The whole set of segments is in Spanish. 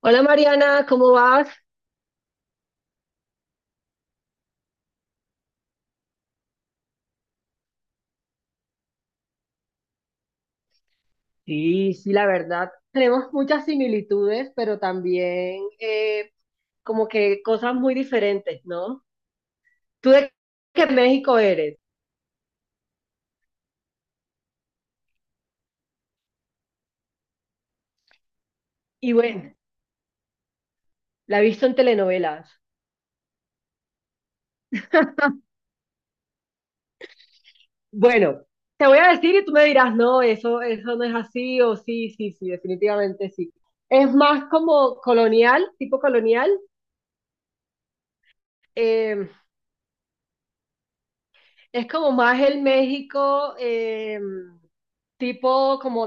Hola Mariana, ¿cómo vas? Sí, sí, la verdad, tenemos muchas similitudes, pero también como que cosas muy diferentes, ¿no? Tú de que México eres, y bueno, la he visto en telenovelas. Bueno, te voy a decir y tú me dirás, no, eso no es así, o sí, sí, sí, definitivamente sí. Es más como colonial, tipo colonial, eh, es como más el México, tipo como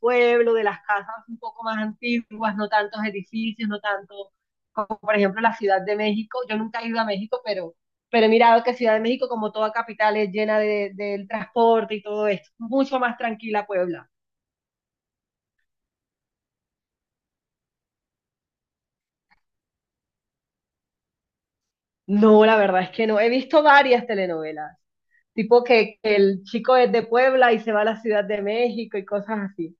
pueblo, de las casas un poco más antiguas, no tantos edificios, no tanto como por ejemplo la Ciudad de México. Yo nunca he ido a México, pero he mirado que Ciudad de México, como toda capital, es llena del transporte y todo esto. Mucho más tranquila Puebla. No, la verdad es que no. He visto varias telenovelas, tipo que el chico es de Puebla y se va a la Ciudad de México y cosas así.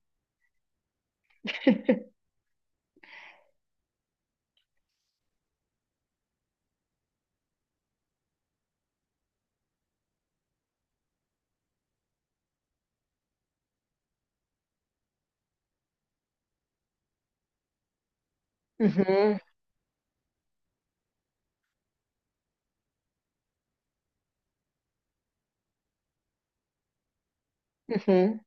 Ujú, ujú.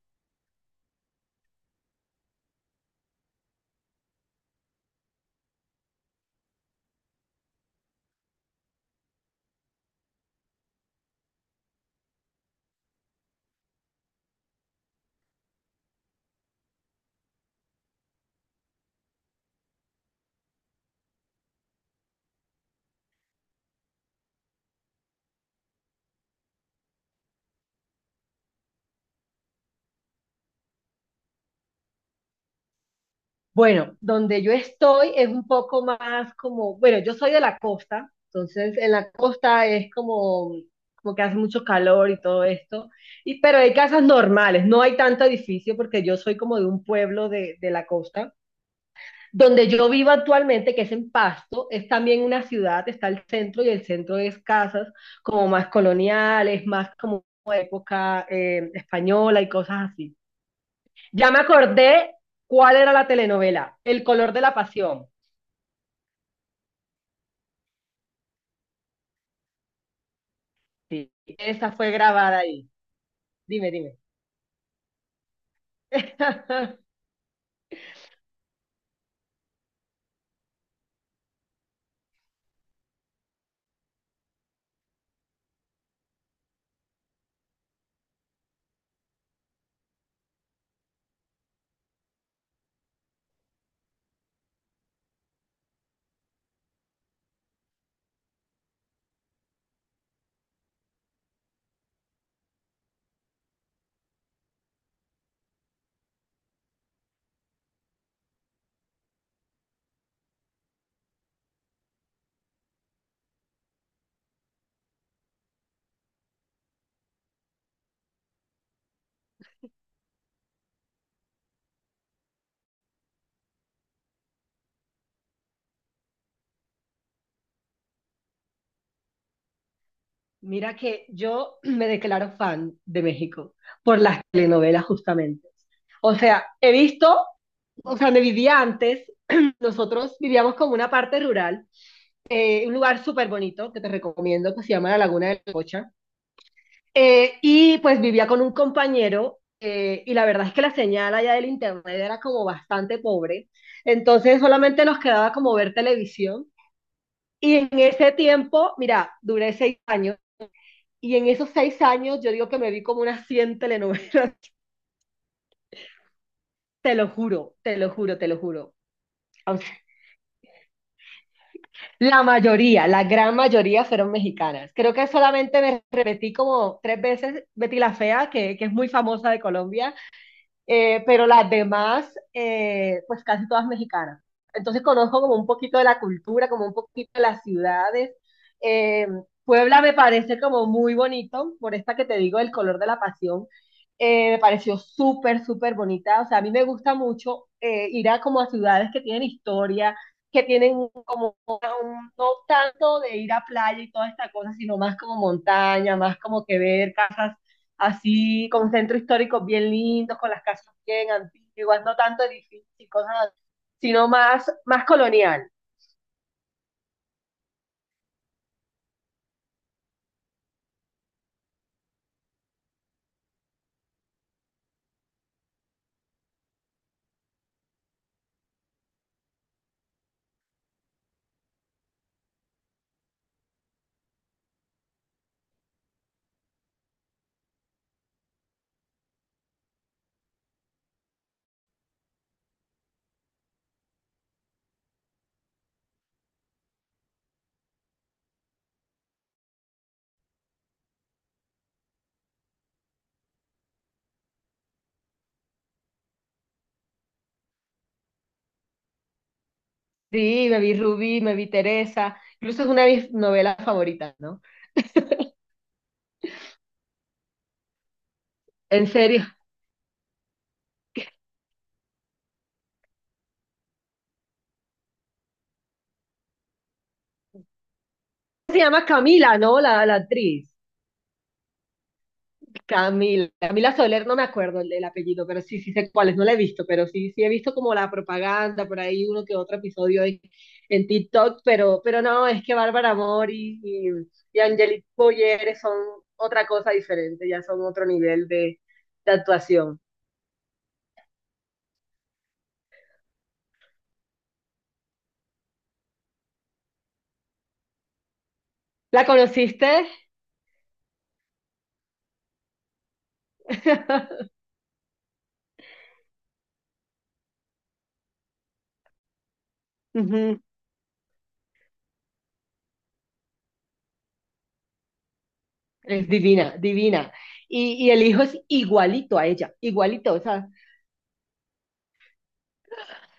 Bueno, donde yo estoy es un poco más como, bueno, yo soy de la costa, entonces en la costa es como que hace mucho calor y todo esto, pero hay casas normales, no hay tanto edificio porque yo soy como de un pueblo de la costa. Donde yo vivo actualmente, que es en Pasto, es también una ciudad, está el centro y el centro es casas como más coloniales, más como época española y cosas así. Ya me acordé cuál era la telenovela, El color de la pasión. Sí. Esa fue grabada ahí. Dime, dime. Mira que yo me declaro fan de México por las telenovelas justamente. O sea, he visto, o sea, me vivía antes, nosotros vivíamos como una parte rural, un lugar súper bonito que te recomiendo que se llama La Laguna de la Cocha. Y pues vivía con un compañero y la verdad es que la señal allá del internet era como bastante pobre, entonces solamente nos quedaba como ver televisión. Y en ese tiempo, mira, duré 6 años y en esos 6 años yo digo que me vi como unas 100 telenovelas. Te lo juro, te lo juro, te lo juro. O sea, la mayoría, la gran mayoría fueron mexicanas. Creo que solamente me repetí como tres veces Betty la Fea, que es muy famosa de Colombia, pero las demás, pues casi todas mexicanas. Entonces conozco como un poquito de la cultura, como un poquito de las ciudades. Eh, Puebla me parece como muy bonito, por esta que te digo, el color de la pasión. Me pareció súper, súper bonita. O sea, a mí me gusta mucho ir a como a ciudades que tienen historia, que tienen como no tanto de ir a playa y toda esta cosa, sino más como montaña, más como que ver casas así, con centro histórico bien lindos, con las casas bien antiguas, no tanto edificios y cosas así, sino más, más colonial. Sí, me vi Rubí, me vi Teresa, incluso es una de mis novelas favoritas, ¿no? En serio. Se llama Camila, ¿no? La actriz. Camila, Camila Soler, no me acuerdo el apellido, pero sí, sí sé cuáles, no la he visto, pero sí, sí he visto como la propaganda, por ahí uno que otro episodio en TikTok, pero no, es que Bárbara Mori y Angelique Boyer son otra cosa diferente, ya son otro nivel de actuación. ¿La conociste? Ujú. Es divina, divina. Y el hijo es igualito a ella, igualito, o sea,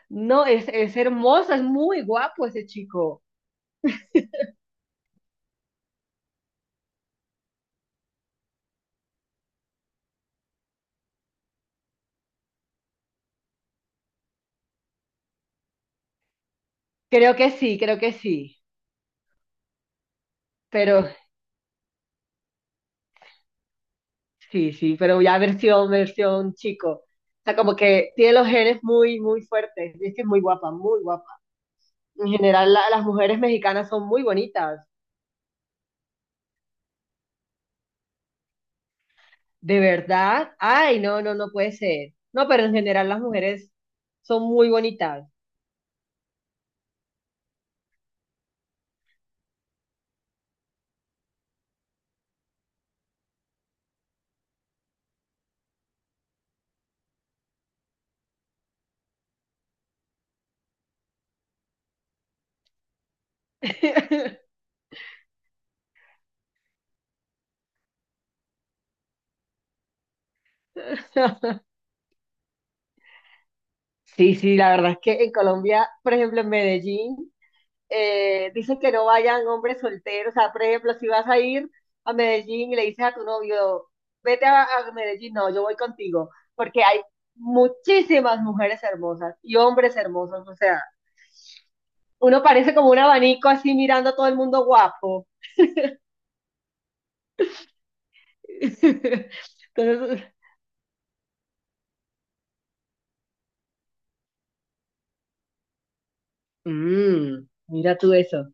no, es hermoso, es muy guapo ese chico. Creo que sí, pero sí, sí, pero ya versión, versión chico. O sea, como que tiene los genes muy, muy fuertes. Es que es muy guapa, muy guapa. En general, las mujeres mexicanas son muy bonitas. De verdad. Ay, no, no, no puede ser. No, pero en general las mujeres son muy bonitas. Sí, sí, la verdad es que en Colombia, por ejemplo, en Medellín. Dicen que no vayan hombres solteros. O sea, por ejemplo, si vas a ir a Medellín y le dices a tu novio, vete a Medellín, no, yo voy contigo, porque hay muchísimas mujeres hermosas y hombres hermosos. O sea, uno parece como un abanico así mirando a todo el mundo guapo. Entonces, mm, mira tú eso.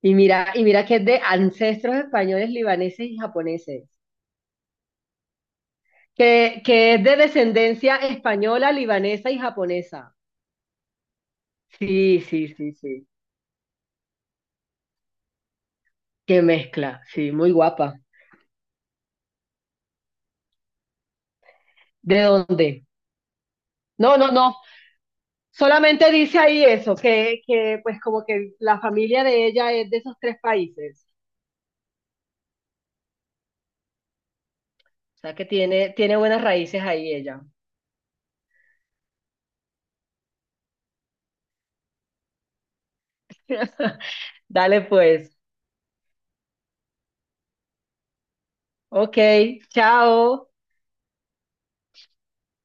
Y mira que es de ancestros españoles, libaneses y japoneses. Que es de descendencia española, libanesa y japonesa. Sí, sí, sí, sí. Qué mezcla, sí, muy guapa. ¿De dónde? No, no, no. Solamente dice ahí eso, que pues como que la familia de ella es de esos tres países. O sea que tiene buenas raíces ahí ella. Dale pues. Ok, chao.